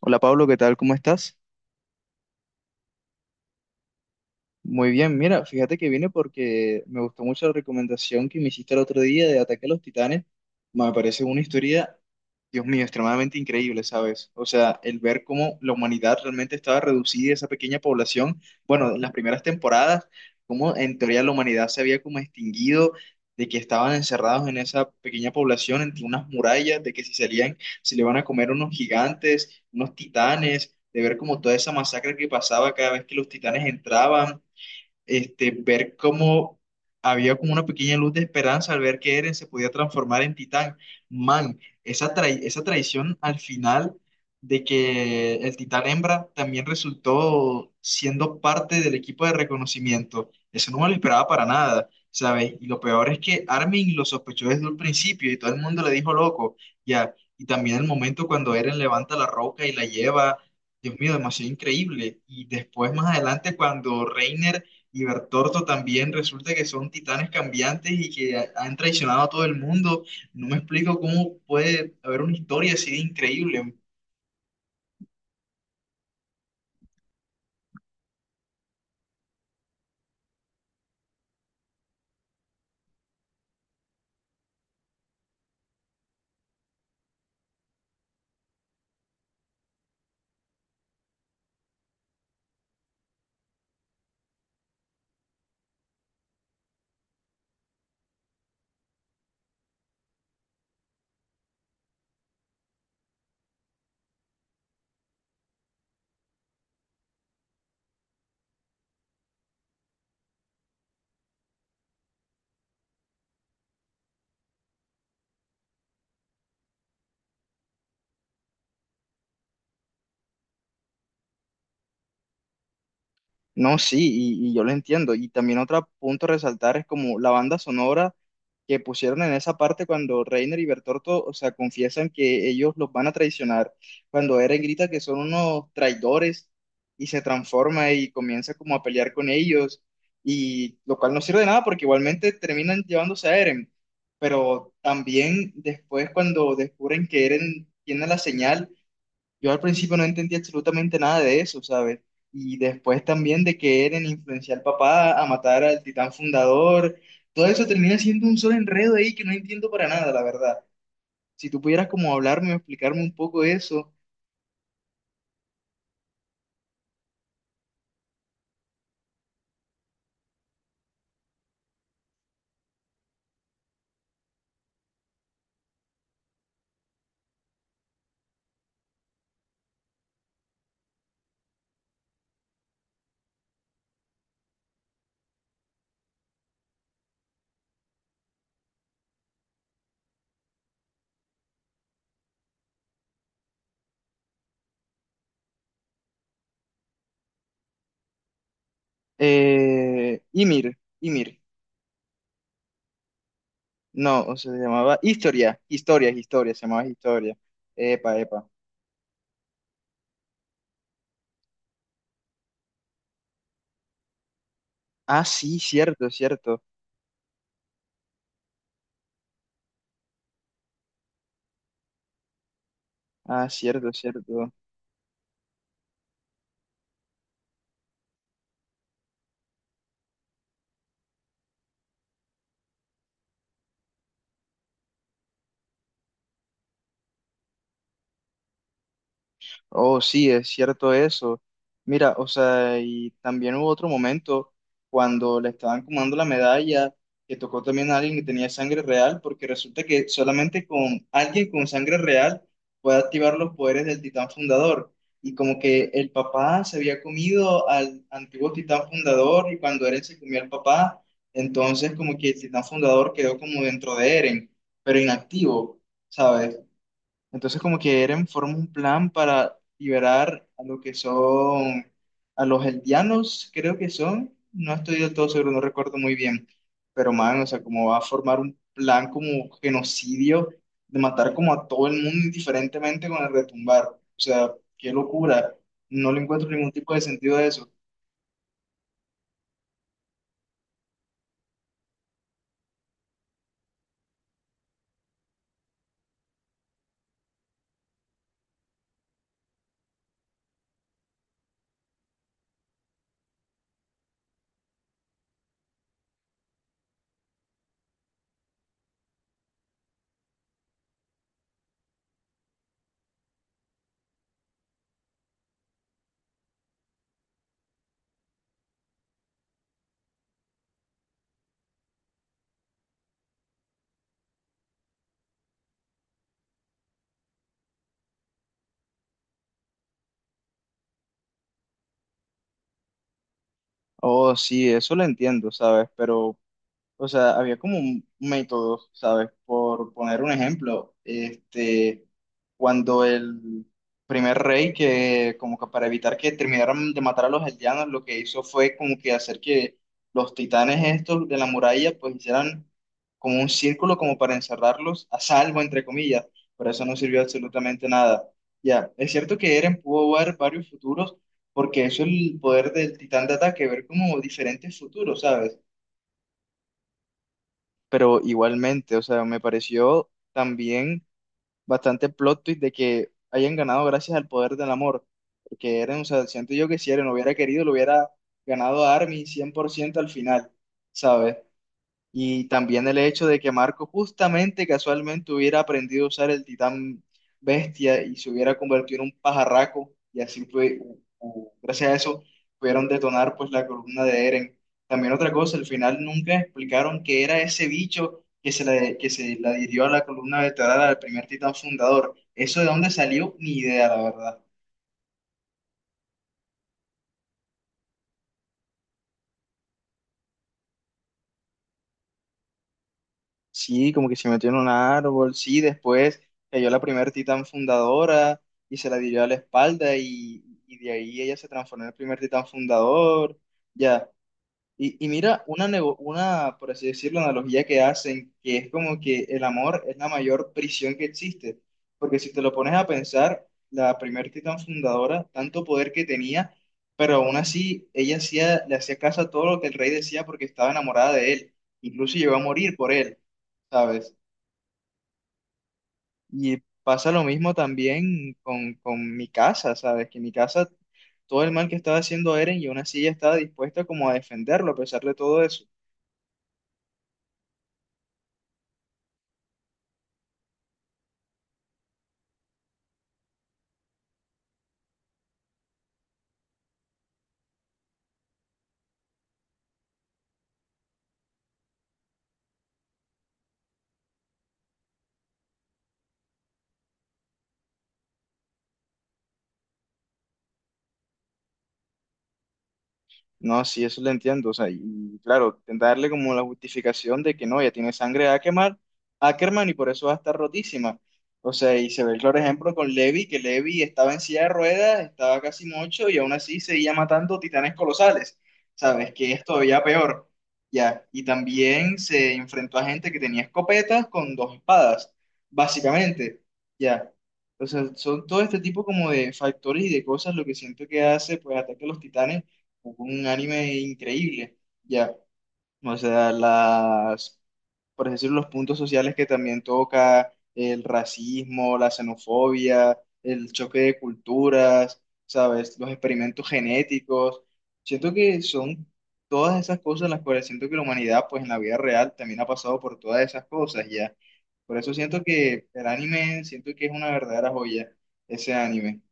Hola Pablo, ¿qué tal? ¿Cómo estás? Muy bien, mira, fíjate que vine porque me gustó mucho la recomendación que me hiciste el otro día de Ataque a los Titanes. Me parece una historia, Dios mío, extremadamente increíble, ¿sabes? O sea, el ver cómo la humanidad realmente estaba reducida, esa pequeña población, bueno, en las primeras temporadas, cómo en teoría la humanidad se había como extinguido, de que estaban encerrados en esa pequeña población, entre unas murallas, de que si salían, se le van a comer unos gigantes, unos titanes, de ver como toda esa masacre que pasaba cada vez que los titanes entraban este, ver cómo había como una pequeña luz de esperanza al ver que Eren se podía transformar en titán. Man, esa esa traición al final de que el titán hembra también resultó siendo parte del equipo de reconocimiento. Eso no me lo esperaba para nada, ¿sabes? Y lo peor es que Armin lo sospechó desde un principio y todo el mundo le dijo loco, ya. Y también el momento cuando Eren levanta la roca y la lleva, Dios mío, demasiado increíble. Y después, más adelante, cuando Reiner y Bertorto también resulta que son titanes cambiantes y que han traicionado a todo el mundo. No me explico cómo puede haber una historia así de increíble. No, sí, y yo lo entiendo. Y también otro punto a resaltar es como la banda sonora que pusieron en esa parte cuando Reiner y Bertorto, o sea, confiesan que ellos los van a traicionar, cuando Eren grita que son unos traidores y se transforma y comienza como a pelear con ellos, y lo cual no sirve de nada porque igualmente terminan llevándose a Eren. Pero también después cuando descubren que Eren tiene la señal, yo al principio no entendí absolutamente nada de eso, ¿sabes? Y después también de que Eren influencia al papá a matar al titán fundador, todo eso termina siendo un solo enredo ahí que no entiendo para nada, la verdad. Si tú pudieras como hablarme o explicarme un poco eso. Ymir, Ymir, no, o sea, se llamaba Historia, Historia, Historia, se llamaba Historia. Epa, epa. Ah, sí, cierto, cierto. Ah, cierto, cierto. Oh, sí, es cierto eso. Mira, o sea, y también hubo otro momento cuando le estaban comando la medalla, que tocó también a alguien que tenía sangre real, porque resulta que solamente con alguien con sangre real puede activar los poderes del titán fundador. Y como que el papá se había comido al antiguo titán fundador y cuando Eren se comió al papá, entonces como que el titán fundador quedó como dentro de Eren, pero inactivo, ¿sabes? Entonces, como que Eren forma un plan para liberar a lo que son, a los eldianos, creo que son, no estoy del todo seguro, no recuerdo muy bien, pero man, o sea, como va a formar un plan como genocidio de matar como a todo el mundo indiferentemente con el retumbar. O sea, qué locura, no le encuentro ningún tipo de sentido a eso. Oh, sí, eso lo entiendo, ¿sabes? Pero, o sea, había como un método, ¿sabes? Por poner un ejemplo, este, cuando el primer rey que, como que para evitar que terminaran de matar a los aldeanos, lo que hizo fue como que hacer que los titanes estos de la muralla, pues hicieran como un círculo como para encerrarlos a salvo, entre comillas, pero eso no sirvió absolutamente nada. Ya, es cierto que Eren pudo ver varios futuros, porque eso es el poder del titán de ataque, ver como diferentes futuros, ¿sabes? Pero igualmente, o sea, me pareció también bastante plot twist de que hayan ganado gracias al poder del amor, porque Eren, o sea, siento yo que si Eren hubiera querido, lo hubiera ganado a Armin 100% al final, ¿sabes? Y también el hecho de que Marco justamente casualmente hubiera aprendido a usar el titán bestia y se hubiera convertido en un pajarraco y así fue, gracias a eso pudieron detonar pues la columna de Eren. También otra cosa, al final nunca explicaron qué era ese bicho que se la adhirió a la columna vertebral al primer titán fundador. Eso de dónde salió, ni idea, la verdad. Sí, como que se metió en un árbol, sí, después cayó la primer titán fundadora y se la dio a la espalda y de ahí ella se transformó en el primer titán fundador, ya, y mira, una, por así decirlo, analogía que hacen, que es como que el amor es la mayor prisión que existe, porque si te lo pones a pensar, la primer titán fundadora, tanto poder que tenía, pero aún así ella hacía, le hacía caso a todo lo que el rey decía porque estaba enamorada de él, incluso llegó a morir por él, ¿sabes? Y pasa lo mismo también con mi casa, ¿sabes? Que mi casa, todo el mal que estaba haciendo Eren y aún así ella estaba dispuesta como a defenderlo a pesar de todo eso. No, sí, eso lo entiendo. O sea, y claro, darle como la justificación de que no, ya tiene sangre de Ackerman, Ackerman y por eso va a estar rotísima. O sea, y se ve el claro ejemplo con Levi, que Levi estaba en silla de ruedas, estaba casi mocho y aún así seguía matando titanes colosales. ¿Sabes? Que es todavía peor. Ya, y también se enfrentó a gente que tenía escopetas con dos espadas, básicamente. Ya. O sea, son todo este tipo como de factores y de cosas lo que siento que hace, pues, ataque a los titanes un anime increíble, ya. O sea, las, por decirlo, los puntos sociales que también toca, el racismo, la xenofobia, el choque de culturas, ¿sabes? Los experimentos genéticos. Siento que son todas esas cosas las cuales siento que la humanidad, pues en la vida real, también ha pasado por todas esas cosas, ya. Por eso siento que el anime, siento que es una verdadera joya, ese anime.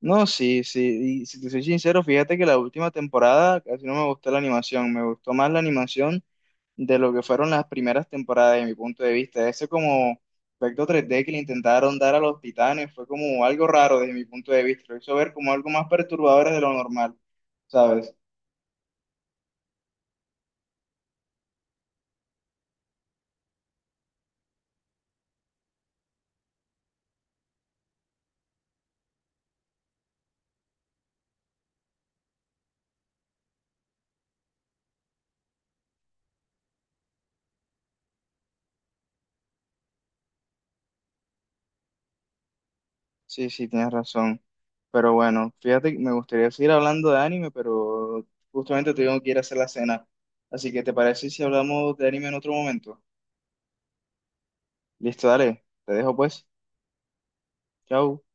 No, sí, sí. Y si te soy sincero, fíjate que la última temporada casi no me gustó la animación. Me gustó más la animación de lo que fueron las primeras temporadas, de mi punto de vista. Ese como efecto 3D que le intentaron dar a los titanes fue como algo raro desde mi punto de vista. Lo hizo ver como algo más perturbador de lo normal, ¿sabes? Sí, sí, tienes razón. Pero bueno, fíjate que me gustaría seguir hablando de anime, pero justamente tengo que ir a hacer la cena. Así que, ¿te parece si hablamos de anime en otro momento? Listo, dale. Te dejo pues. Chao.